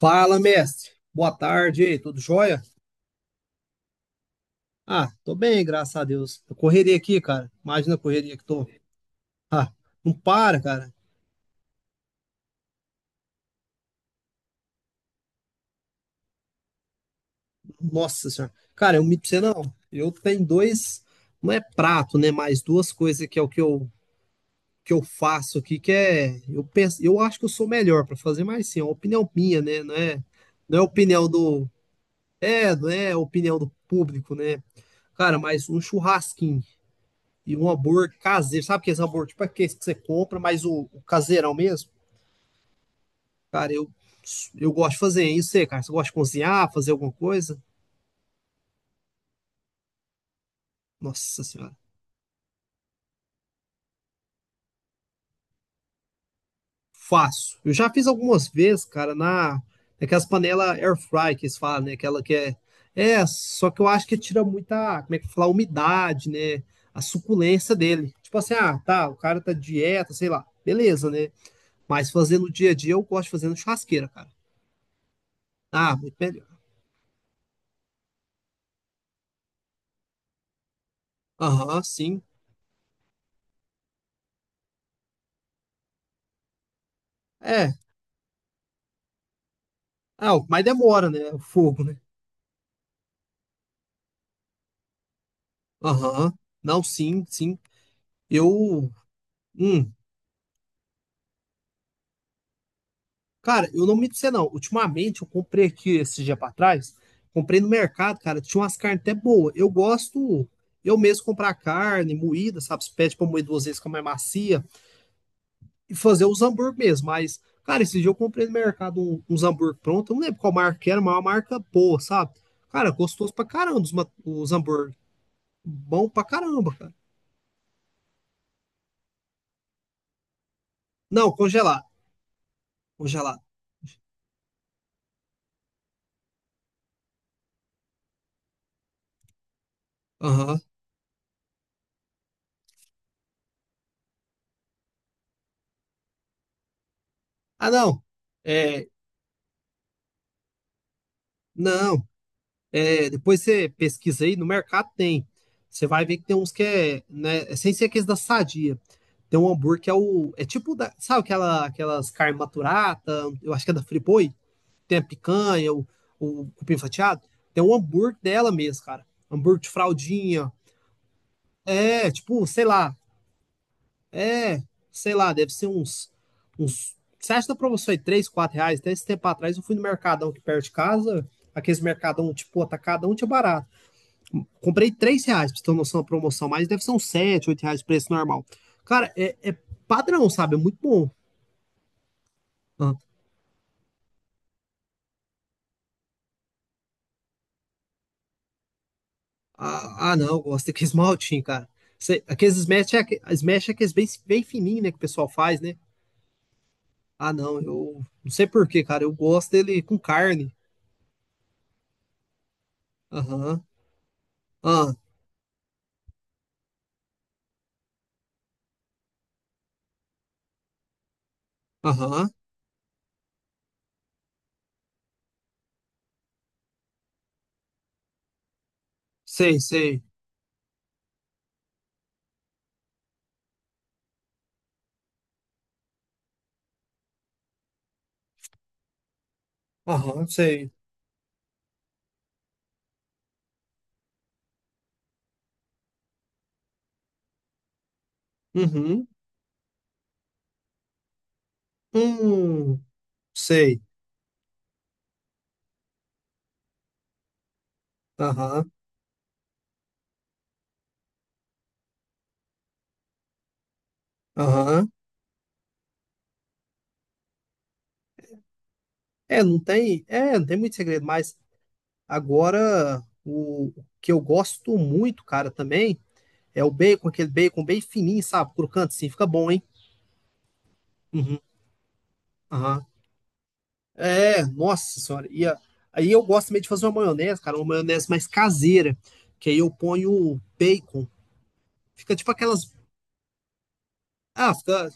Fala, mestre. Boa tarde, e aí, tudo jóia? Ah, tô bem, graças a Deus. Eu correria aqui, cara. Imagina a correria que tô. Ah, não para, cara. Nossa senhora. Cara, eu me pra você não. Eu tenho dois, não é prato, né? Mas duas coisas que é o que eu faço aqui, que é. Eu penso, eu acho que eu sou melhor pra fazer, mas sim, é uma opinião minha, né? Não é, não é opinião do. É, não é opinião do público, né? Cara, mas um churrasquinho. E um hambúrguer caseiro. Sabe aqueles hambúrguer, tipo aqueles que você compra, mas o caseirão mesmo? Cara, eu gosto de fazer isso, aí, cara. Você gosta de cozinhar, fazer alguma coisa? Nossa senhora. Faço. Eu já fiz algumas vezes, cara, naquelas panelas air fry que eles falam, né? Aquela que é. É, só que eu acho que tira muita, como é que fala, umidade, né? A suculência dele. Tipo assim, ah, tá, o cara tá dieta, sei lá. Beleza, né? Mas fazer no dia a dia eu gosto de fazer no churrasqueira, cara. Ah, muito melhor. Aham, sim. É. Ah, mas demora, né? O fogo, né? Aham. Não, sim, sim. Eu. Hum. Cara, eu não me você não. Ultimamente, eu comprei aqui esse dia pra trás. Comprei no mercado, cara. Tinha umas carnes até boas. Eu gosto eu mesmo comprar carne moída, sabe? Se pede pra moer duas vezes, fica mais macia. E fazer os hambúrguer mesmo. Mas, cara, esse dia eu comprei no mercado uns hambúrguer pronto. Eu não lembro qual marca que era, mas é uma marca boa, sabe? Cara, gostoso pra caramba os hambúrguer. Bom pra caramba, cara. Não, congelar, congelar. Aham. Ah, não. É, não. É, depois você pesquisa aí, no mercado tem. Você vai ver que tem uns que é, né, é sem ser aqueles da Sadia. Tem um hambúrguer que é o, é tipo da, sabe aquela, aquelas carne maturata, eu acho que é da Friboi, tem a picanha, o cupim fatiado. Tem um hambúrguer dela mesmo, cara. Hambúrguer de fraldinha. É, tipo, É, sei lá, deve ser uns. Você acha que na promoção é 3, R$ 4? Até esse tempo atrás eu fui no Mercadão que perto de casa, aqueles Mercadão tipo atacadão tinha barato. Comprei R$ 3, pra você ter uma noção da promoção, mas deve ser uns 7 8 reais o preço normal. Cara, é padrão, sabe? É muito bom. Ah, ah, não, eu gosto daqueles maltinhos, cara. Aqueles smash é, smash é aqueles bem, bem fininhos, né, que o pessoal faz, né? Ah, não, eu não sei por quê, cara. Eu gosto dele com carne. Aham, ah, aham. Sei, sei. Aham, sei. Uhum. Hum, sei. Aham, aham. É, não tem muito segredo, mas agora o que eu gosto muito, cara, também é o bacon, aquele bacon bem fininho, sabe? Crocante, sim, fica bom, hein? Uhum, aham. É, nossa senhora. E aí eu gosto também de fazer uma maionese, cara, uma maionese mais caseira, que aí eu ponho bacon. Fica tipo aquelas, fica.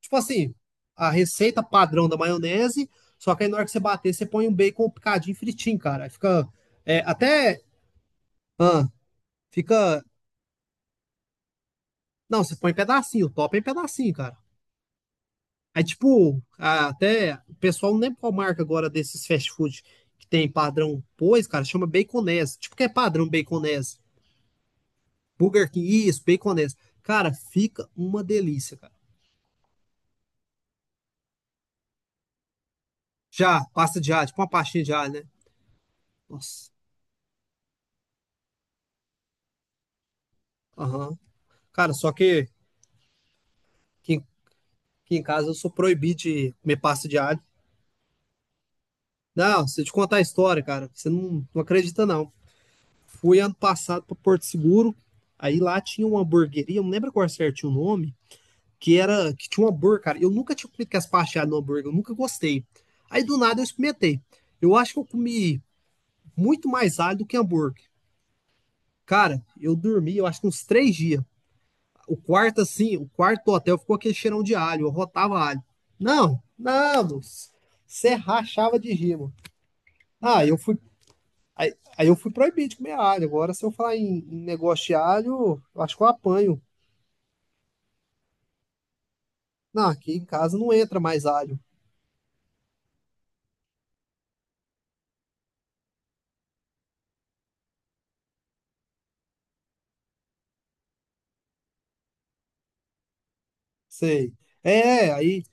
Tipo assim, a receita padrão da maionese, só que aí na hora que você bater, você põe um bacon picadinho fritinho, cara. Aí fica é, até. ah, Fica. Não, você põe em pedacinho, top é em pedacinho, cara. Aí, tipo, até. O pessoal não lembra qual marca agora desses fast food que tem padrão pois, cara, chama baconese. Tipo, que é padrão baconese. Burger King, isso, baconese. Cara, fica uma delícia, cara. Já, pasta de alho, tipo uma pastinha de alho, né? Nossa. Aham. Cara, só que. Aqui que em casa eu sou proibido de comer pasta de alho. Não, se eu te contar a história, cara, você não acredita, não. Fui ano passado para Porto Seguro, aí lá tinha uma hamburgueria, eu não lembro qual certinho o nome, que era que tinha um hambúrguer, cara. Eu nunca tinha comido com as pastas de alho no hambúrguer, eu nunca gostei. Aí do nada eu experimentei. Eu acho que eu comi muito mais alho do que hambúrguer. Cara, eu dormi, eu acho que uns 3 dias. O quarto, assim, o quarto do hotel ficou aquele cheirão de alho, eu rotava alho. Não, não, você rachava de rima. Ah, eu fui. Aí eu fui proibido de comer alho. Agora, se eu falar em negócio de alho, eu acho que eu apanho. Não, aqui em casa não entra mais alho. Sei. É, aí.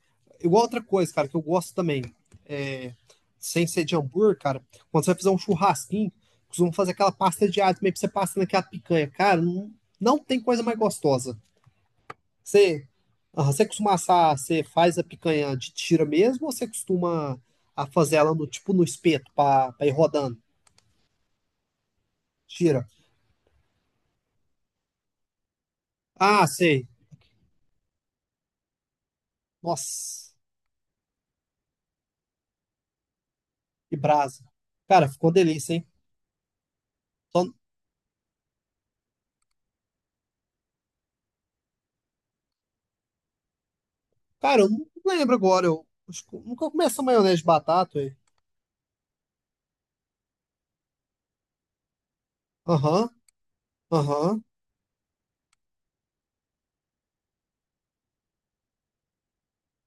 Igual outra coisa, cara, que eu gosto também. É, sem ser de hambúrguer, cara, quando você vai fazer um churrasquinho, costumam fazer aquela pasta de alho também pra você passar naquela picanha. Cara, não, não tem coisa mais gostosa. Você, você costuma assar, você faz a picanha de tira mesmo ou você costuma a fazer ela no, tipo no espeto pra ir rodando? Tira. Ah, sei. Nossa, que brasa. Cara, ficou delícia, hein? Só- Cara, eu não lembro agora. Eu acho que eu nunca comi essa maionese de batata, hein? Aham, aham.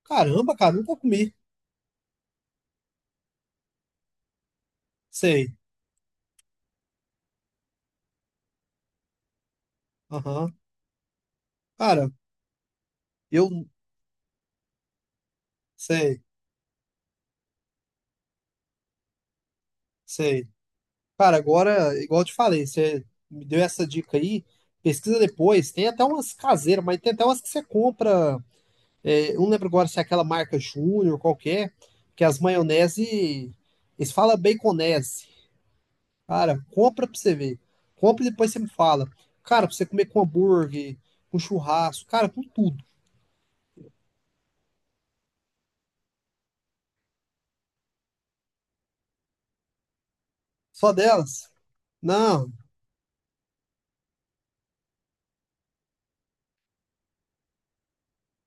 Caramba, cara, nunca comi. Sei. Aham. Cara, eu sei, sei. Cara, agora, igual eu te falei, você me deu essa dica aí. Pesquisa depois. Tem até umas caseiras, mas tem até umas que você compra. É, eu não lembro agora se é aquela marca Júnior, qualquer, que as maionese. Eles falam baconese. Cara, compra pra você ver. Compra e depois você me fala. Cara, pra você comer com hambúrguer, com churrasco, cara, com tudo. Só delas? Não,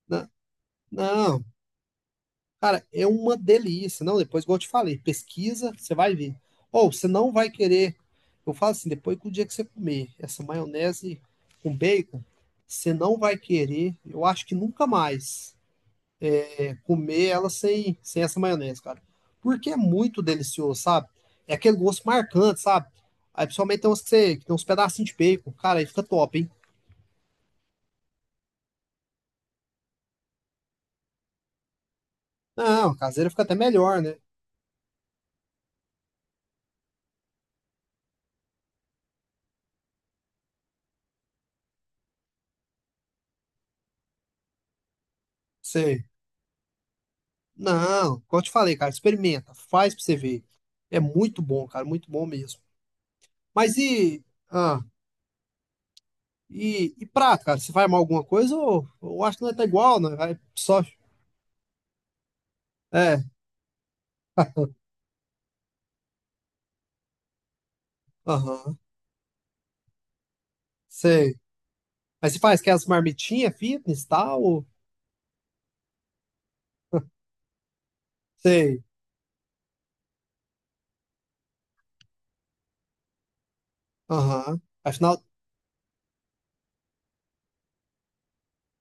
não, não. Cara, é uma delícia. Não, depois, igual eu te falei, pesquisa, você vai ver. Ou você não vai querer. Eu falo assim, depois que o dia que você comer essa maionese com bacon, você não vai querer, eu acho que nunca mais. É comer ela sem essa maionese, cara. Porque é muito delicioso, sabe? É aquele gosto marcante, sabe? Aí principalmente tem uns, que tem uns pedacinhos de bacon. Cara, aí fica top, hein? Não, caseira fica até melhor, né? Sei. Não, como eu te falei, cara, experimenta. Faz pra você ver. É muito bom, cara, muito bom mesmo. Mas e. Ah, e prato, cara? Você vai armar alguma coisa ou eu acho que não é tá igual, né? Vai só. É, aham, sei. Mas você faz aquelas marmitinhas fitness e tal? Sei. Aham. Afinal,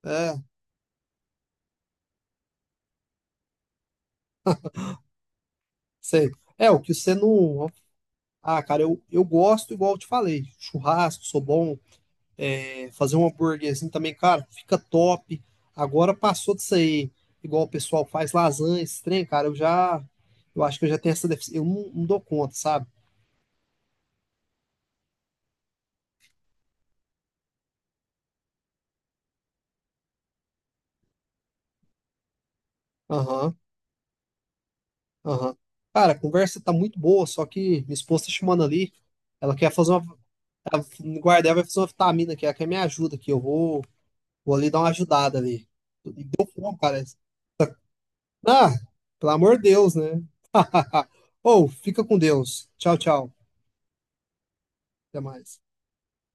é, sei. É, o que você não. Ah, cara, eu gosto, igual eu te falei. Churrasco, sou bom. É, fazer um hambúrguerzinho também, cara, fica top. Agora passou disso aí. Igual o pessoal faz lasanha, esse trem, cara, eu já. Eu acho que eu já tenho essa deficiência. Eu não dou conta, sabe? Aham, aham. Cara, a conversa tá muito boa, só que minha esposa tá chamando ali. Ela quer fazer uma. A guarda, ela vai fazer uma vitamina aqui, ela quer me ajuda aqui. Eu vou. Vou ali dar uma ajudada ali. E deu fome, parece. Ah, pelo amor de Deus, né? Ou, fica com Deus. Tchau, tchau. Até mais.